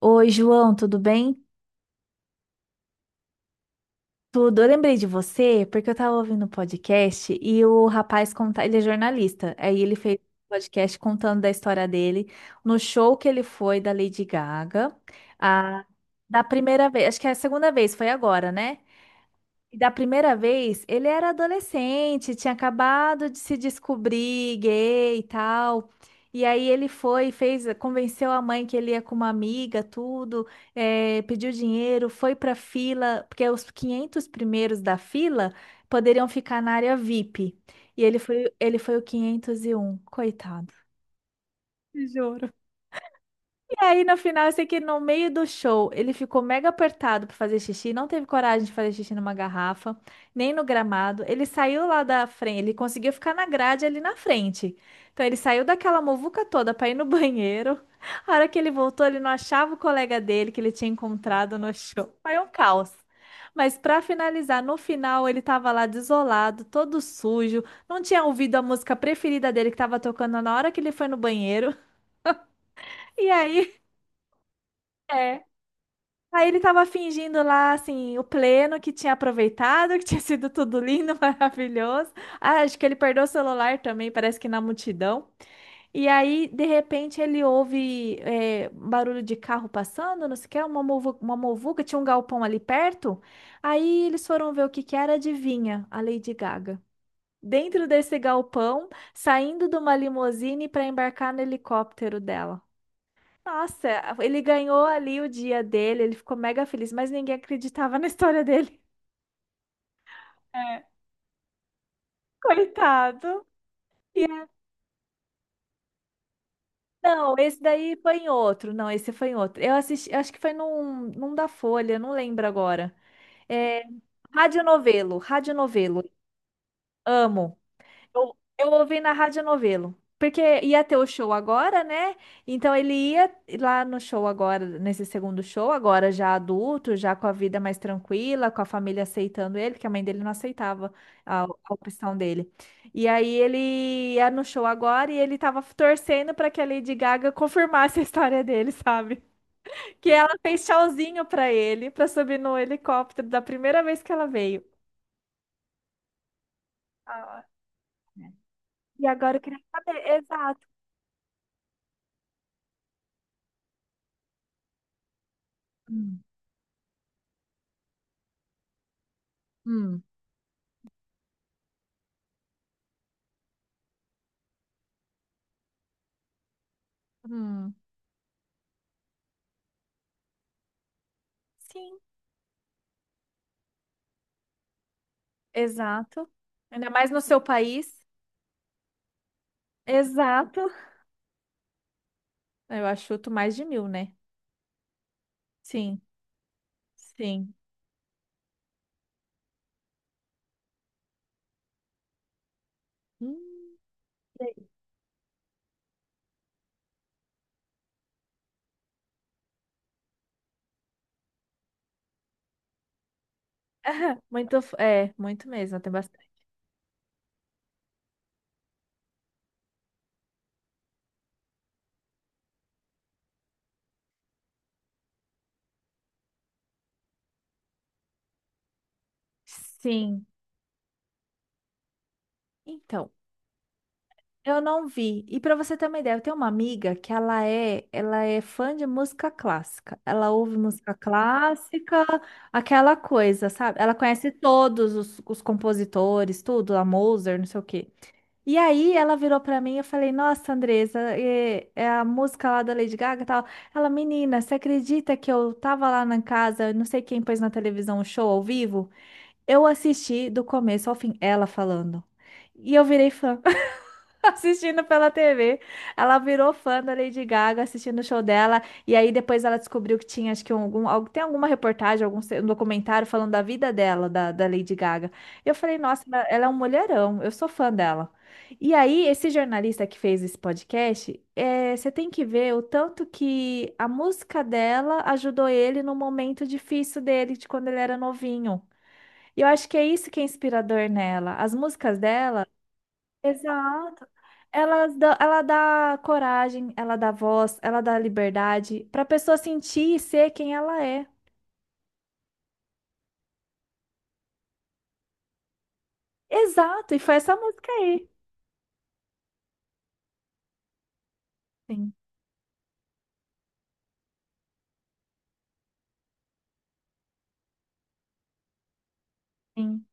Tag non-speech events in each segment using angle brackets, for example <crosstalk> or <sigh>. Oi, João, tudo bem? Tudo. Eu lembrei de você porque eu tava ouvindo um podcast e o rapaz conta, ele é jornalista. Aí ele fez um podcast contando da história dele no show que ele foi da Lady Gaga, a da primeira vez, acho que é a segunda vez, foi agora, né? E da primeira vez, ele era adolescente, tinha acabado de se descobrir gay e tal. E aí ele foi, fez, convenceu a mãe que ele ia com uma amiga, tudo, pediu dinheiro, foi para fila, porque os 500 primeiros da fila poderiam ficar na área VIP. E ele foi o 501, coitado. Juro. Aí no final, eu sei que no meio do show ele ficou mega apertado pra fazer xixi, não teve coragem de fazer xixi numa garrafa, nem no gramado. Ele saiu lá da frente, ele conseguiu ficar na grade ali na frente. Então ele saiu daquela muvuca toda pra ir no <laughs> banheiro. A hora que ele voltou, ele não achava o colega dele que ele tinha encontrado no show. Foi um caos. Mas pra finalizar, no final ele tava lá desolado, todo sujo, não tinha ouvido a música preferida dele que tava tocando na hora que ele foi no banheiro. E aí, <laughs> é. Aí ele tava fingindo lá, assim, o pleno que tinha aproveitado, que <laughs> tinha sido tudo lindo, <laughs> maravilhoso. Ah, acho que ele perdeu o celular também, parece que na multidão. E aí, de repente, ele ouve barulho de carro passando, não sei o que, uma muvuca, tinha um galpão ali perto. Aí eles foram ver o que que era, adivinha, a Lady Gaga. Dentro desse galpão, saindo de uma limusine para embarcar no helicóptero dela. Nossa, ele ganhou ali o dia dele, ele ficou mega feliz, mas ninguém acreditava <laughs> na história dele. É. Coitado. E é- Não, esse daí foi em outro. Não, esse foi em outro. Eu assisti, acho que foi num da Folha, não lembro agora. É, Radionovelo, Radionovelo. Amo. Eu ouvi na Rádio Novelo. Porque ia ter o show agora, né? Então ele ia lá no show agora, nesse segundo show, agora já adulto, já com a vida mais tranquila, com a família aceitando ele, porque a mãe dele não aceitava a opção dele. E aí ele ia no show agora e ele tava torcendo para que a Lady Gaga <laughs> confirmasse a história dele, sabe? Que ela fez tchauzinho para ele, para subir no helicóptero da primeira vez que ela veio. Ah, e agora eu queria saber, exato. Hum. Hum. Hum, sim, exato. Ainda mais no seu país. Exato. Eu achuto mais de 1.000, né? Sim, sim. Hum, sei. <laughs> Muito, muito mesmo, tem bastante. Sim. Então, eu não vi. E pra você ter uma ideia, eu tenho uma amiga que ela é fã de música clássica. Ela ouve música clássica, aquela coisa, sabe? Ela conhece todos os compositores, tudo, a Mozart, não sei o quê. E aí ela virou pra mim e eu falei, nossa, Andresa, é a música lá da Lady Gaga e tal. Ela, menina, você acredita que eu tava lá na casa, não sei quem pôs na televisão um show ao vivo? Eu assisti do começo ao fim, ela falando. E eu virei fã <laughs> assistindo pela TV. Ela virou fã da Lady Gaga, assistindo o show dela. E aí depois ela descobriu que tinha, acho que tem alguma reportagem, algum se- um documentário falando da vida dela, da Lady Gaga. E eu falei, nossa, ela é um mulherão, eu sou fã dela. E aí, esse jornalista que fez esse podcast, você tem que ver o tanto que a música dela ajudou ele no momento difícil dele, de quando ele era novinho. E eu acho que é isso que é inspirador nela. As músicas dela. Exato. Ela dá coragem, ela dá voz, ela dá liberdade para a pessoa sentir e ser quem ela é. Exato, e foi essa música aí. Sim, sim.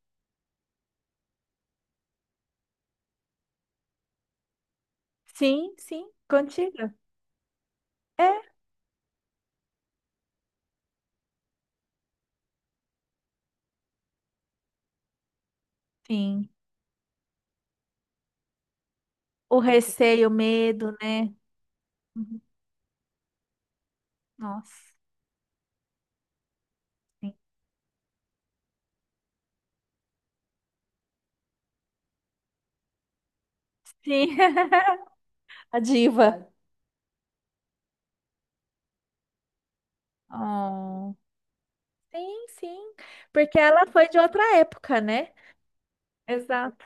Sim, sim, contigo. É, sim. O receio, o medo, né? Uhum. Nossa, sim. Sim. <laughs> A diva. Oh. Sim, sim. Porque ela foi de outra época, né? Exato.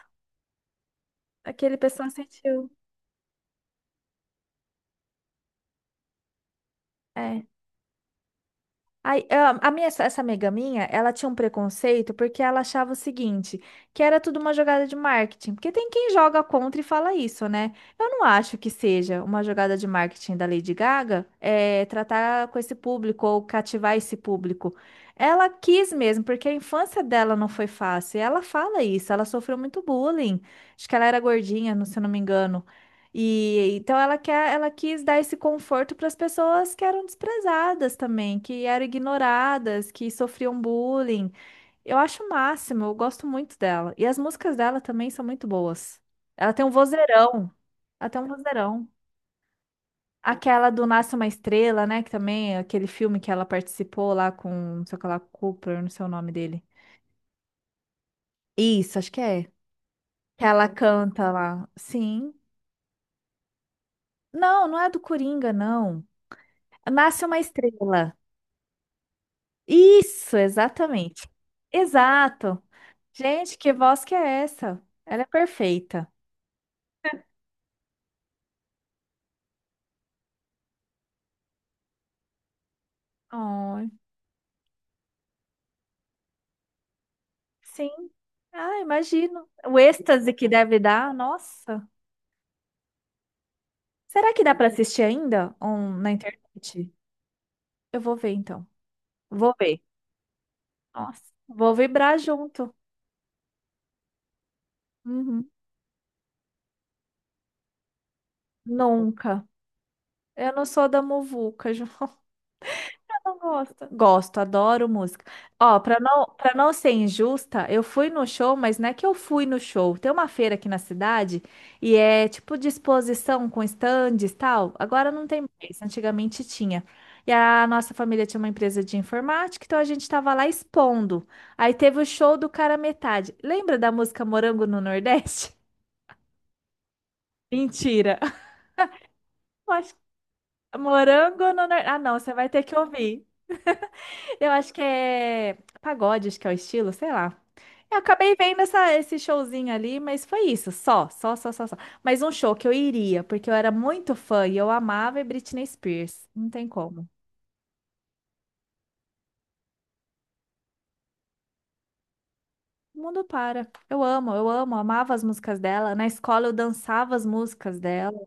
Aquele pessoal sentiu. É. Aí, ah, essa amiga minha, ela tinha um preconceito porque ela achava o seguinte, que era tudo uma jogada de marketing. Porque tem quem joga contra e fala isso, né? Eu não acho que seja uma jogada de marketing da Lady Gaga, tratar com esse público ou cativar esse público. Ela quis mesmo, porque a infância dela não foi fácil. E ela fala isso, ela sofreu muito bullying. Acho que ela era gordinha, se eu não me engano. E então ela quis dar esse conforto para as pessoas que eram desprezadas também, que eram ignoradas, que sofriam bullying. Eu acho o máximo, eu gosto muito dela. E as músicas dela também são muito boas. Ela tem um vozeirão, ela tem um vozeirão. Aquela do Nasce uma Estrela, né? Que também é aquele filme que ela participou lá com, não sei o que lá, Cooper, não sei o nome dele. Isso, acho que é. Que ela canta lá. Sim. Não, não é do Coringa, não. Nasce uma Estrela. Isso, exatamente. Exato. Gente, que voz que é essa? Ela é perfeita. Ai, sim. Ah, imagino. O êxtase que deve dar, nossa. Será que dá para assistir ainda na internet? Eu vou ver então. Vou ver. Nossa, vou vibrar junto. Uhum. Nunca. Eu não sou da muvuca, <laughs> João. Não gosto. Gosto, adoro música. Ó, pra não ser injusta, eu fui no show, mas não é que eu fui no show. Tem uma feira aqui na cidade e é tipo de exposição com estandes e tal. Agora não tem mais, antigamente tinha. E a nossa família tinha uma empresa de informática, então a gente tava lá expondo. Aí teve o show do Cara Metade. Lembra da música Morango no Nordeste? <laughs> Mentira. Eu acho que Morango no Nordeste. Ah, não, você vai ter que ouvir. Eu acho que é pagode, acho que é o estilo, sei lá. Eu acabei vendo esse showzinho ali, mas foi isso, só, só, só, só, só. Mas um show que eu iria, porque eu era muito fã e eu amava é Britney Spears. Não tem como. O mundo para. Eu amo, amava as músicas dela. Na escola eu dançava as músicas dela,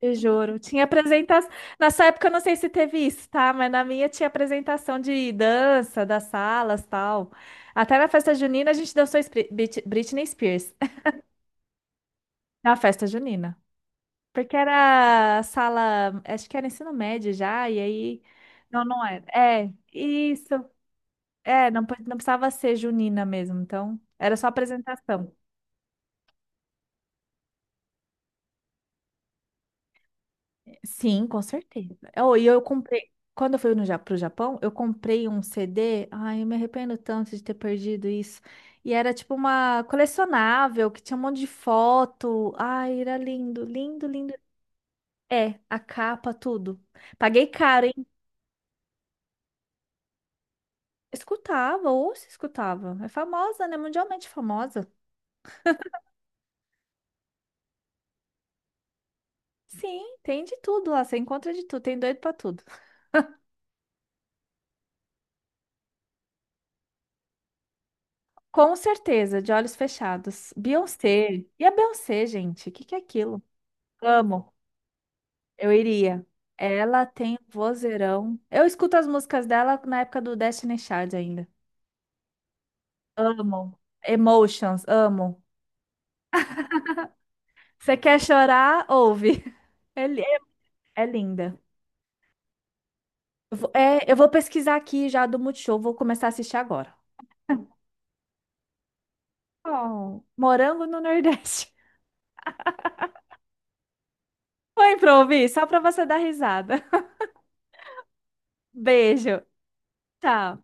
eu juro. Tinha apresentação. Nessa época eu não sei se teve isso, tá? Mas na minha tinha apresentação de dança, das salas, tal. Até na festa junina a gente dançou Britney Spears. Na festa junina. Porque era sala, acho que era ensino médio já, e aí. Não, não era. É, isso. É, não, não precisava ser junina mesmo, então era só apresentação. Sim, com certeza. Oh, e eu comprei. Quando eu fui no, Ja- pro Japão, eu comprei um CD. Ai, eu me arrependo tanto de ter perdido isso. E era tipo uma colecionável que tinha um monte de foto. Ai, era lindo, lindo, lindo. É, a capa, tudo. Paguei caro. Escutava, ou se escutava. É famosa, né? Mundialmente famosa. Sim, tem de tudo lá, você encontra de tudo, tem doido pra tudo. Com certeza, de olhos fechados. Beyoncé. E a Beyoncé, gente? O que que é aquilo? Amo, eu iria. Ela tem um vozeirão. Eu escuto as músicas dela na época do Destiny Child ainda. Amo. Emotions, amo. Você quer chorar? Ouve. <laughs> É, é linda. Eu vou pesquisar aqui já do Multishow, vou começar a assistir agora. Bom, morango no Nordeste. <laughs> Põe pra ouvir, só pra você dar risada. Beijo. Tchau.